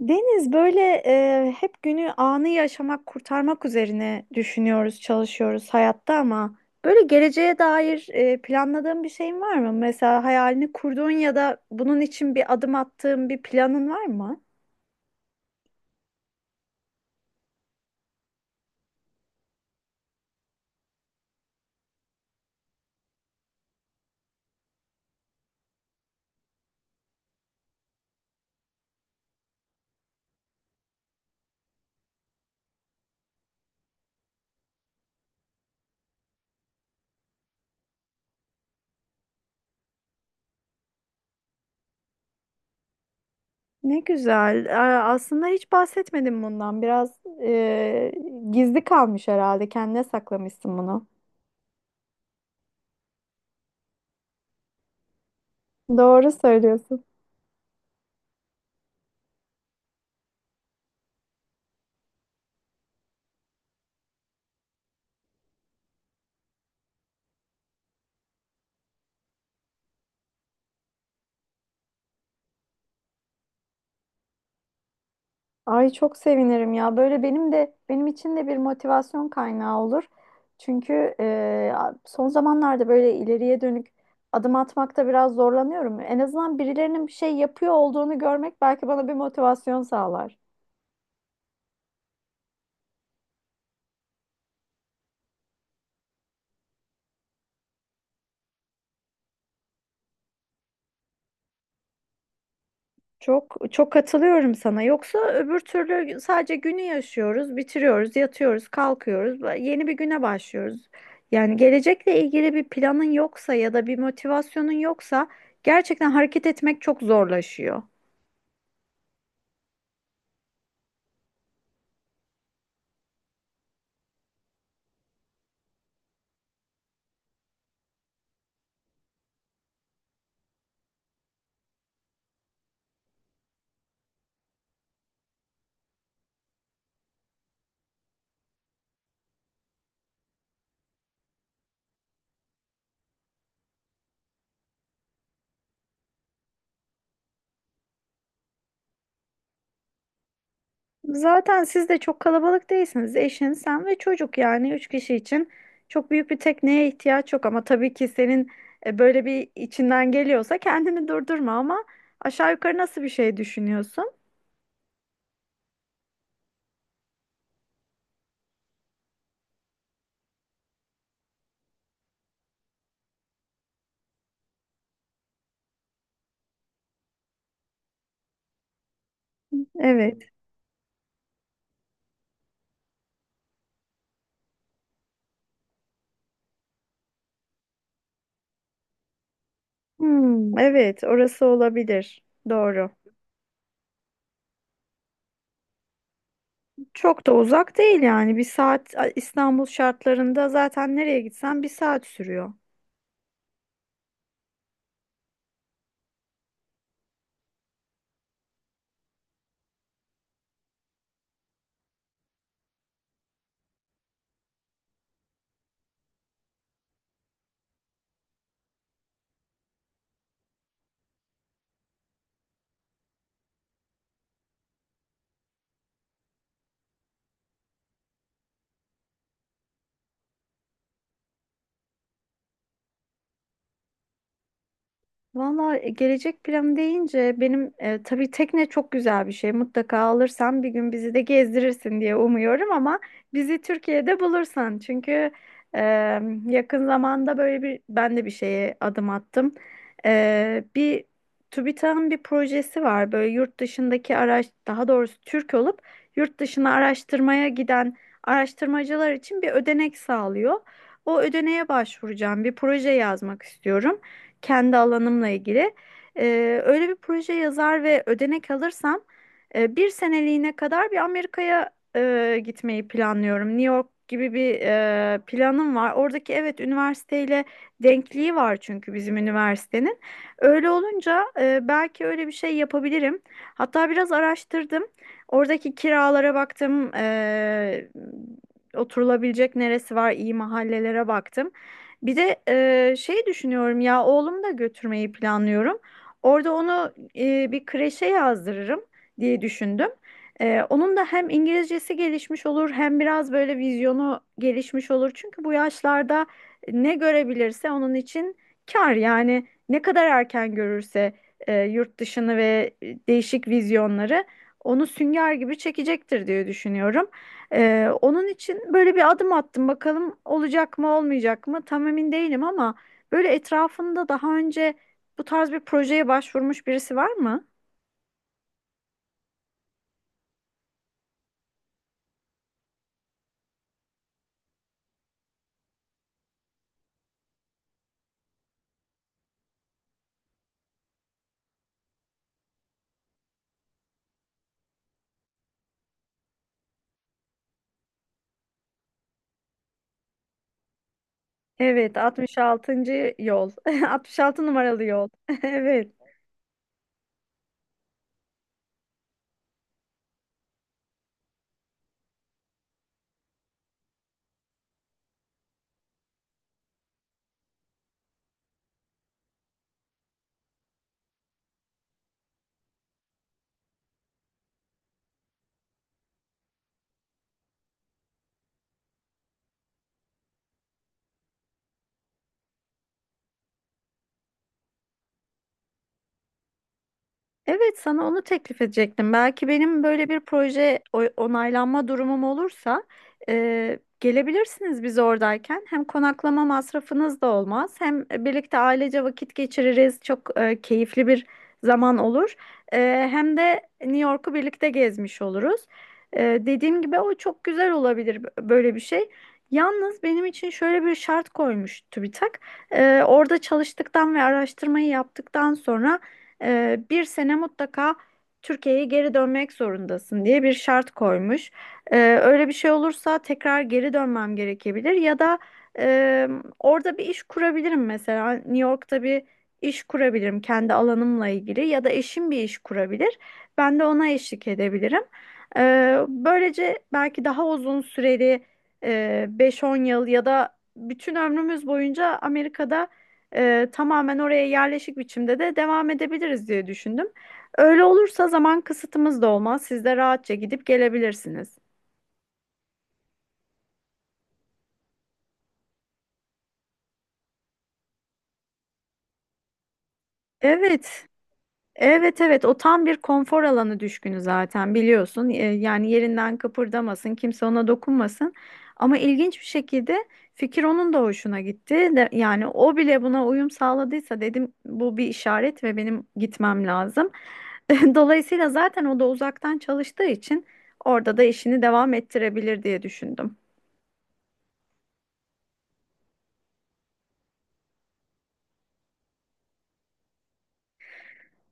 Deniz böyle hep günü anı yaşamak, kurtarmak üzerine düşünüyoruz, çalışıyoruz hayatta ama böyle geleceğe dair planladığın bir şeyin var mı? Mesela hayalini kurduğun ya da bunun için bir adım attığın bir planın var mı? Ne güzel. Aa, aslında hiç bahsetmedim bundan. Biraz gizli kalmış herhalde. Kendine saklamışsın bunu. Doğru söylüyorsun. Ay çok sevinirim ya. Böyle benim de benim için de bir motivasyon kaynağı olur. Çünkü son zamanlarda böyle ileriye dönük adım atmakta biraz zorlanıyorum. En azından birilerinin bir şey yapıyor olduğunu görmek belki bana bir motivasyon sağlar. Çok çok katılıyorum sana. Yoksa öbür türlü sadece günü yaşıyoruz, bitiriyoruz, yatıyoruz, kalkıyoruz, yeni bir güne başlıyoruz. Yani gelecekle ilgili bir planın yoksa ya da bir motivasyonun yoksa gerçekten hareket etmek çok zorlaşıyor. Zaten siz de çok kalabalık değilsiniz. Eşin, sen ve çocuk yani üç kişi için çok büyük bir tekneye ihtiyaç yok ama tabii ki senin böyle bir içinden geliyorsa kendini durdurma ama aşağı yukarı nasıl bir şey düşünüyorsun? Evet. Hmm, evet, orası olabilir. Doğru. Çok da uzak değil yani. Bir saat İstanbul şartlarında zaten nereye gitsen bir saat sürüyor. Valla gelecek planı deyince benim tabii tekne çok güzel bir şey. Mutlaka alırsan bir gün bizi de gezdirirsin diye umuyorum ama bizi Türkiye'de bulursan. Çünkü e, yakın zamanda böyle bir ben de bir şeye adım attım. E, bir TÜBİTAK'ın bir projesi var. Böyle yurt dışındaki araç daha doğrusu Türk olup yurt dışına araştırmaya giden araştırmacılar için bir ödenek sağlıyor. O ödeneğe başvuracağım. Bir proje yazmak istiyorum kendi alanımla ilgili. Öyle bir proje yazar ve ödenek alırsam bir seneliğine kadar bir Amerika'ya gitmeyi planlıyorum. New York gibi bir planım var. Oradaki evet üniversiteyle denkliği var çünkü bizim üniversitenin. Öyle olunca belki öyle bir şey yapabilirim. Hatta biraz araştırdım. Oradaki kiralara baktım. Oturulabilecek neresi var, iyi mahallelere baktım. Bir de şey düşünüyorum ya oğlumu da götürmeyi planlıyorum. Orada onu bir kreşe yazdırırım diye düşündüm. E, onun da hem İngilizcesi gelişmiş olur hem biraz böyle vizyonu gelişmiş olur. Çünkü bu yaşlarda ne görebilirse onun için kar yani ne kadar erken görürse yurt dışını ve değişik vizyonları onu sünger gibi çekecektir diye düşünüyorum. Onun için böyle bir adım attım. Bakalım olacak mı olmayacak mı tam emin değilim ama böyle etrafında daha önce bu tarz bir projeye başvurmuş birisi var mı? Evet, 66. yol. 66 numaralı yol. Evet. Evet, sana onu teklif edecektim. Belki benim böyle bir proje onaylanma durumum olursa gelebilirsiniz biz oradayken. Hem konaklama masrafınız da olmaz, hem birlikte ailece vakit geçiririz. Çok keyifli bir zaman olur. E, hem de New York'u birlikte gezmiş oluruz. E, dediğim gibi o çok güzel olabilir böyle bir şey. Yalnız benim için şöyle bir şart koymuş TÜBİTAK. E, orada çalıştıktan ve araştırmayı yaptıktan sonra bir sene mutlaka Türkiye'ye geri dönmek zorundasın diye bir şart koymuş. E, öyle bir şey olursa tekrar geri dönmem gerekebilir ya da e, orada bir iş kurabilirim mesela New York'ta bir iş kurabilirim kendi alanımla ilgili ya da eşim bir iş kurabilir. Ben de ona eşlik edebilirim. E, böylece belki daha uzun süreli 5-10 yıl ya da bütün ömrümüz boyunca Amerika'da tamamen oraya yerleşik biçimde de devam edebiliriz diye düşündüm. Öyle olursa zaman kısıtımız da olmaz. Siz de rahatça gidip gelebilirsiniz. Evet. Evet evet o tam bir konfor alanı düşkünü zaten biliyorsun. E, yani yerinden kıpırdamasın, kimse ona dokunmasın. Ama ilginç bir şekilde fikir onun da hoşuna gitti. Yani o bile buna uyum sağladıysa dedim bu bir işaret ve benim gitmem lazım. Dolayısıyla zaten o da uzaktan çalıştığı için orada da işini devam ettirebilir diye düşündüm.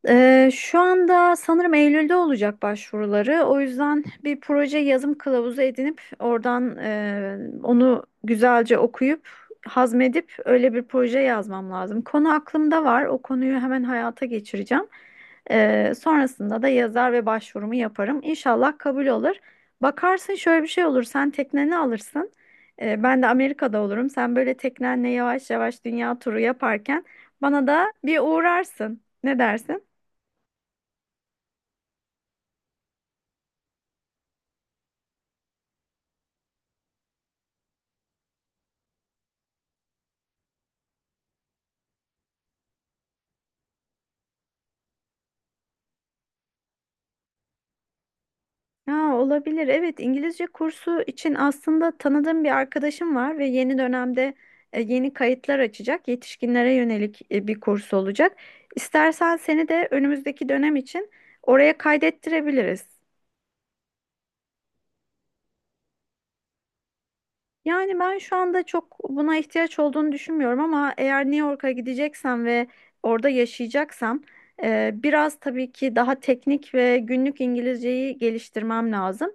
Şu anda sanırım Eylül'de olacak başvuruları. O yüzden bir proje yazım kılavuzu edinip oradan onu güzelce okuyup hazmedip öyle bir proje yazmam lazım. Konu aklımda var. O konuyu hemen hayata geçireceğim. Sonrasında da yazar ve başvurumu yaparım. İnşallah kabul olur. Bakarsın şöyle bir şey olur. Sen tekneni alırsın. Ben de Amerika'da olurum. Sen böyle teknenle yavaş yavaş dünya turu yaparken bana da bir uğrarsın. Ne dersin? Ya olabilir. Evet, İngilizce kursu için aslında tanıdığım bir arkadaşım var ve yeni dönemde yeni kayıtlar açacak. Yetişkinlere yönelik bir kurs olacak. İstersen seni de önümüzdeki dönem için oraya kaydettirebiliriz. Yani ben şu anda çok buna ihtiyaç olduğunu düşünmüyorum ama eğer New York'a gideceksem ve orada yaşayacaksam biraz tabii ki daha teknik ve günlük İngilizceyi geliştirmem lazım.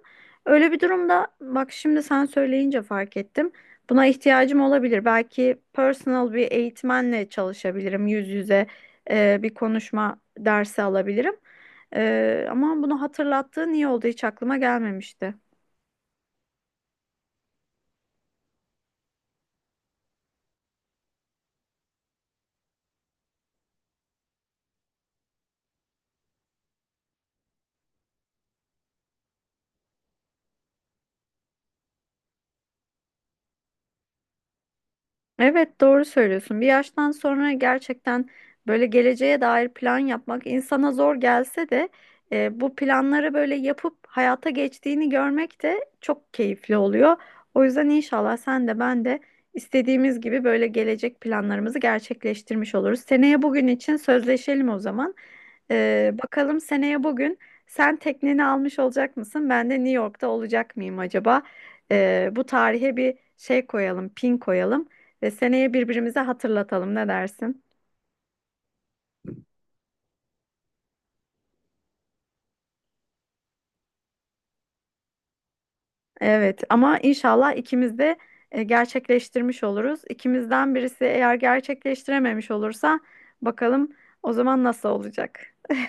Öyle bir durumda bak şimdi sen söyleyince fark ettim. Buna ihtiyacım olabilir. Belki personal bir eğitmenle çalışabilirim. Yüz yüze bir konuşma dersi alabilirim. E, ama bunu hatırlattığın iyi oldu. Hiç aklıma gelmemişti. Evet doğru söylüyorsun. Bir yaştan sonra gerçekten böyle geleceğe dair plan yapmak insana zor gelse de bu planları böyle yapıp hayata geçtiğini görmek de çok keyifli oluyor. O yüzden inşallah sen de ben de istediğimiz gibi böyle gelecek planlarımızı gerçekleştirmiş oluruz. Seneye bugün için sözleşelim o zaman. E, bakalım seneye bugün sen tekneni almış olacak mısın? Ben de New York'ta olacak mıyım acaba? E, bu tarihe bir şey koyalım, pin koyalım. E, seneye birbirimize hatırlatalım ne dersin? Evet ama inşallah ikimiz de gerçekleştirmiş oluruz. İkimizden birisi eğer gerçekleştirememiş olursa bakalım o zaman nasıl olacak?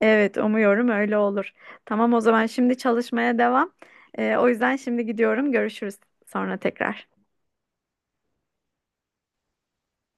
Evet umuyorum öyle olur. Tamam o zaman şimdi çalışmaya devam. E, o yüzden şimdi gidiyorum. Görüşürüz sonra tekrar.